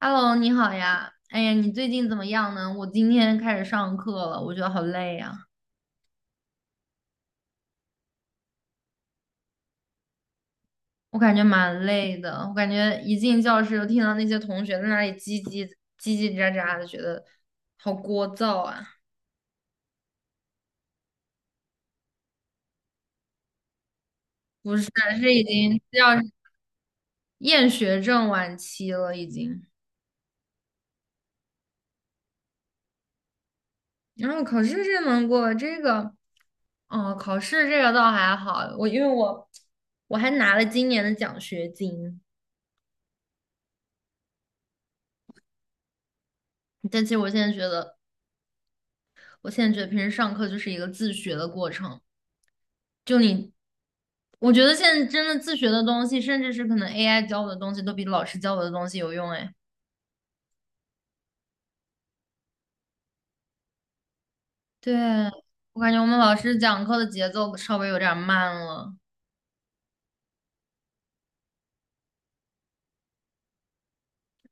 Hello，你好呀。哎呀，你最近怎么样呢？我今天开始上课了，我觉得好累呀，我感觉蛮累的。我感觉一进教室就听到那些同学在那里叽叽叽叽喳喳的，觉得好聒噪啊。不是，是已经要厌学症晚期了，已经。然后考试这能过，哦，考试这个倒还好，我因为我还拿了今年的奖学金，但其实我现在觉得。我现在觉得平时上课就是一个自学的过程，就你，我觉得现在真的自学的东西，甚至是可能 AI 教我的东西，都比老师教我的东西有用。哎，对，我感觉我们老师讲课的节奏稍微有点慢了。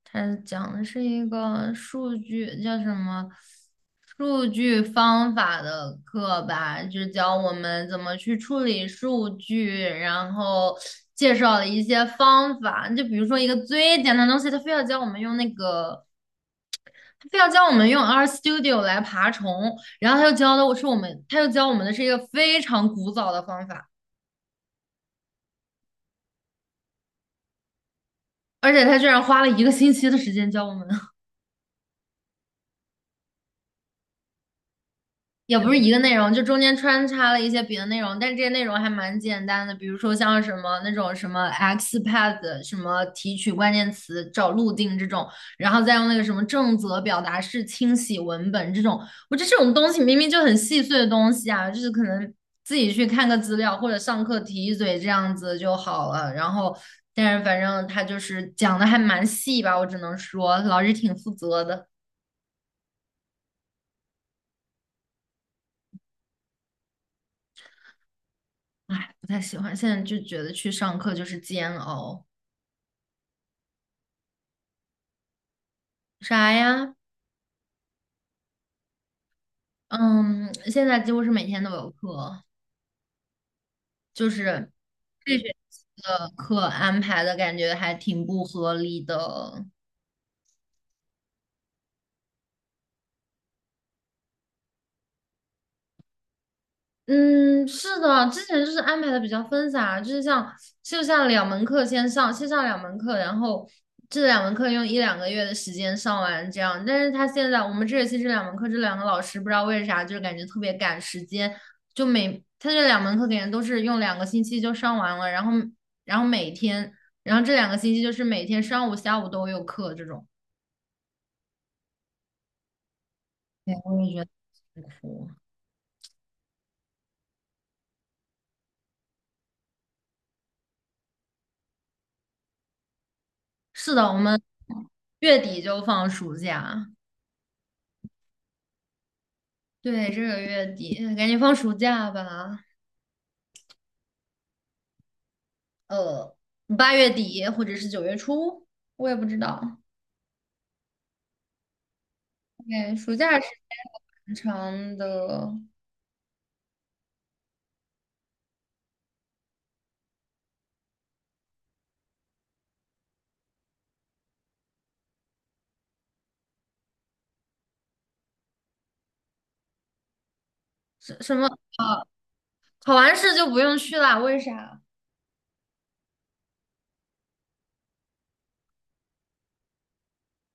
它讲的是一个数据叫什么数据方法的课吧，就教我们怎么去处理数据，然后介绍了一些方法。就比如说一个最简单的东西，他非要教我们用那个，他非要教我们用 RStudio 来爬虫，然后他又教的是我们，他又教我们的是一个非常古早的方法，而且他居然花了一个星期的时间教我们。也不是一个内容，就中间穿插了一些别的内容，但是这些内容还蛮简单的，比如说像什么那种什么 XPath，什么提取关键词找路径这种，然后再用那个什么正则表达式清洗文本这种，我觉得这种东西明明就很细碎的东西啊，就是可能自己去看个资料或者上课提一嘴这样子就好了。然后，但是反正他就是讲的还蛮细吧，我只能说老师挺负责的。哎，不太喜欢。现在就觉得去上课就是煎熬。啥呀？嗯，现在几乎是每天都有课，就是这学期的课安排的感觉还挺不合理的。嗯，是的，之前就是安排的比较分散啊，就是像两门课先上两门课，然后这两门课用一两个月的时间上完这样。但是他现在我们这学期这两门课，这两个老师不知道为啥，就是感觉特别赶时间，就每他这两门课感觉都是用两个星期就上完了，然后然后每天，然后这两个星期就是每天上午下午都有课这种。对，我也觉得很苦。是的，我们月底就放暑假。对，这个月底赶紧放暑假吧，呃8月底或者是9月初，我也不知道。对，暑假时间很长的，什么啊？考完试就不用去啦？为啥？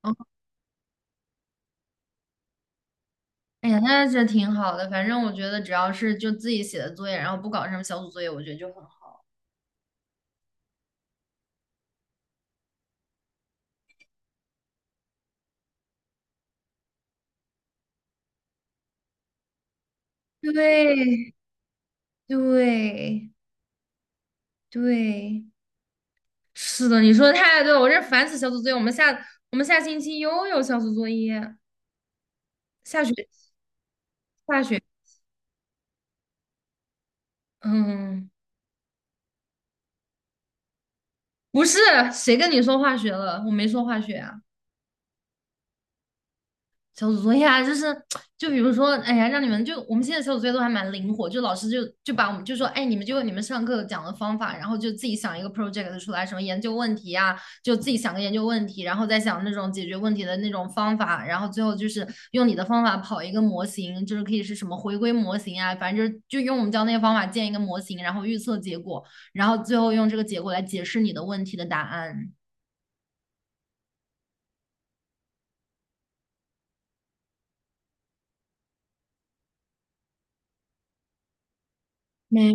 哦，哎呀，那这挺好的。反正我觉得只要是就自己写的作业，然后不搞什么小组作业，我觉得就很好。对对对，是的，你说的太对了，我这烦死小组作业。我们下星期又有小组作业，下学下学。嗯，不是，谁跟你说化学了？我没说化学啊。小组作业啊，就是，就比如说，哎呀，让你们就我们现在小组作业都还蛮灵活，就老师就把我们就说，哎，你们上课讲的方法，然后就自己想一个 project 出来，什么研究问题啊，就自己想个研究问题，然后再想那种解决问题的那种方法，然后最后就是用你的方法跑一个模型，就是可以是什么回归模型啊，反正就是就用我们教那个方法建一个模型，然后预测结果，然后最后用这个结果来解释你的问题的答案。没，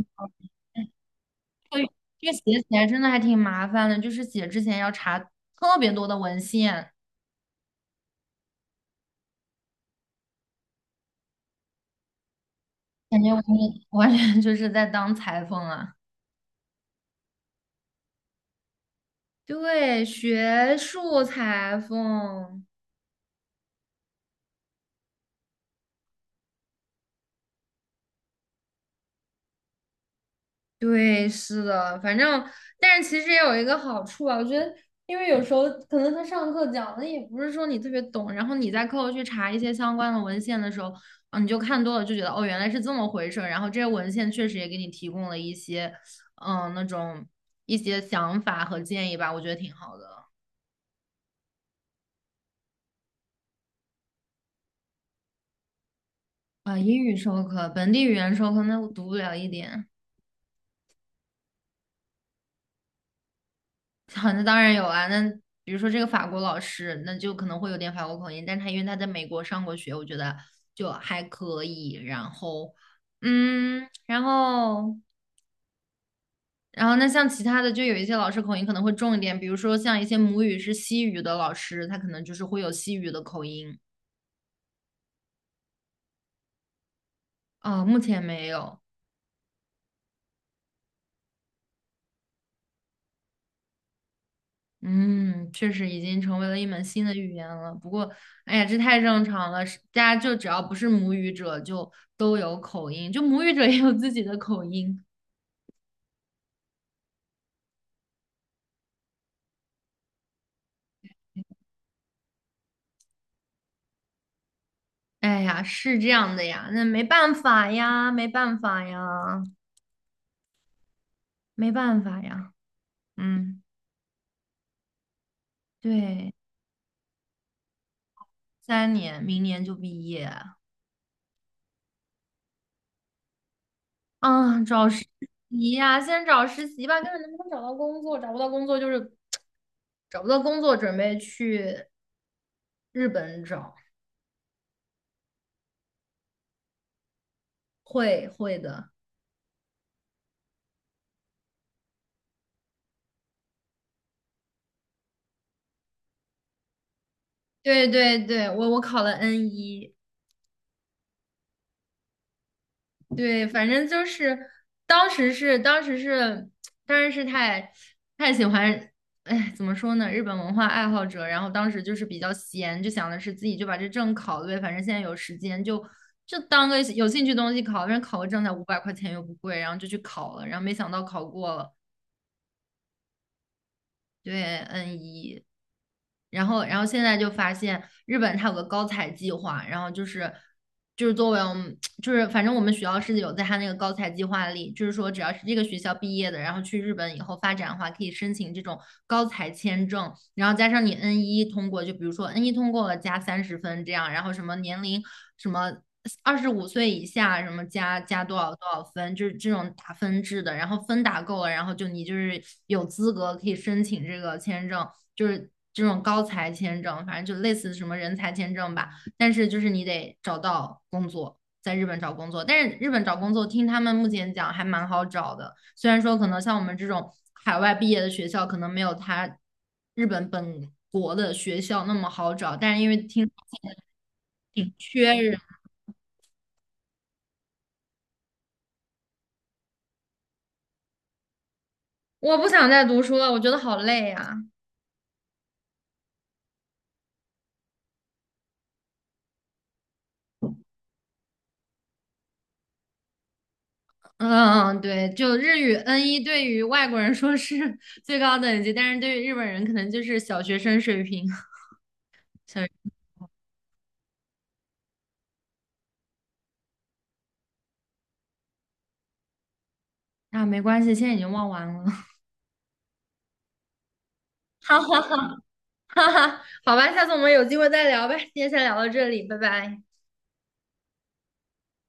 错，这个写起来真的还挺麻烦的，就是写之前要查特别多的文献，感觉完全就是在当裁缝啊。对，学术裁缝，对，是的，反正，但是其实也有一个好处啊，我觉得，因为有时候可能他上课讲的也不是说你特别懂，然后你在课后去查一些相关的文献的时候，啊，你就看多了，就觉得哦，原来是这么回事儿，然后这些文献确实也给你提供了一些，嗯，那种一些想法和建议吧，我觉得挺好的。啊，英语授课，本地语言授课，那我读不了一点。好，那当然有啊。那比如说这个法国老师，那就可能会有点法国口音，但他因为他在美国上过学，我觉得就还可以。然后，嗯，然后，然后那像其他的，就有一些老师口音可能会重一点，比如说像一些母语是西语的老师，他可能就是会有西语的口音。哦，目前没有。嗯，确实已经成为了一门新的语言了。不过，哎呀，这太正常了，是大家就只要不是母语者，就都有口音，就母语者也有自己的口音。哎呀，是这样的呀，那没办法呀，没办法呀，没办法呀。嗯，对，3年，明年就毕业啊，找实习呀，先找实习吧，看看能不能找到工作，找不到工作就是找不到工作，准备去日本找，会的。对对对，我我考了 N 一，对，反正就是当时是当时是当时是太喜欢，哎，怎么说呢，日本文化爱好者，然后当时就是比较闲，就想的是自己就把这证考了呗，反正现在有时间就就当个有兴趣东西考，反正考个证才500块钱又不贵，然后就去考了，然后没想到考过了，对，N 一。然后，然后现在就发现日本它有个高才计划，然后就是就是作为我们就是反正我们学校是有在它那个高才计划里，就是说只要是这个学校毕业的，然后去日本以后发展的话，可以申请这种高才签证，然后加上你 N 一通过，就比如说 N 一通过了加30分这样，然后什么年龄什么。25岁以下什么加多少多少分，就是这种打分制的，然后分打够了，然后就你就是有资格可以申请这个签证，就是这种高才签证，反正就类似什么人才签证吧。但是就是你得找到工作，在日本找工作，但是日本找工作听他们目前讲还蛮好找的，虽然说可能像我们这种海外毕业的学校可能没有他日本本国的学校那么好找，但是因为听挺缺人。我不想再读书了，我觉得好累呀、嗯嗯，对，就日语 n 一，对于外国人说是 最高等级，但是对于日本人可能就是小学生水平。小啊，没关系，现在已经忘完了。哈哈哈哈哈，好吧，下次我们有机会再聊呗。今天先聊到这里，拜拜。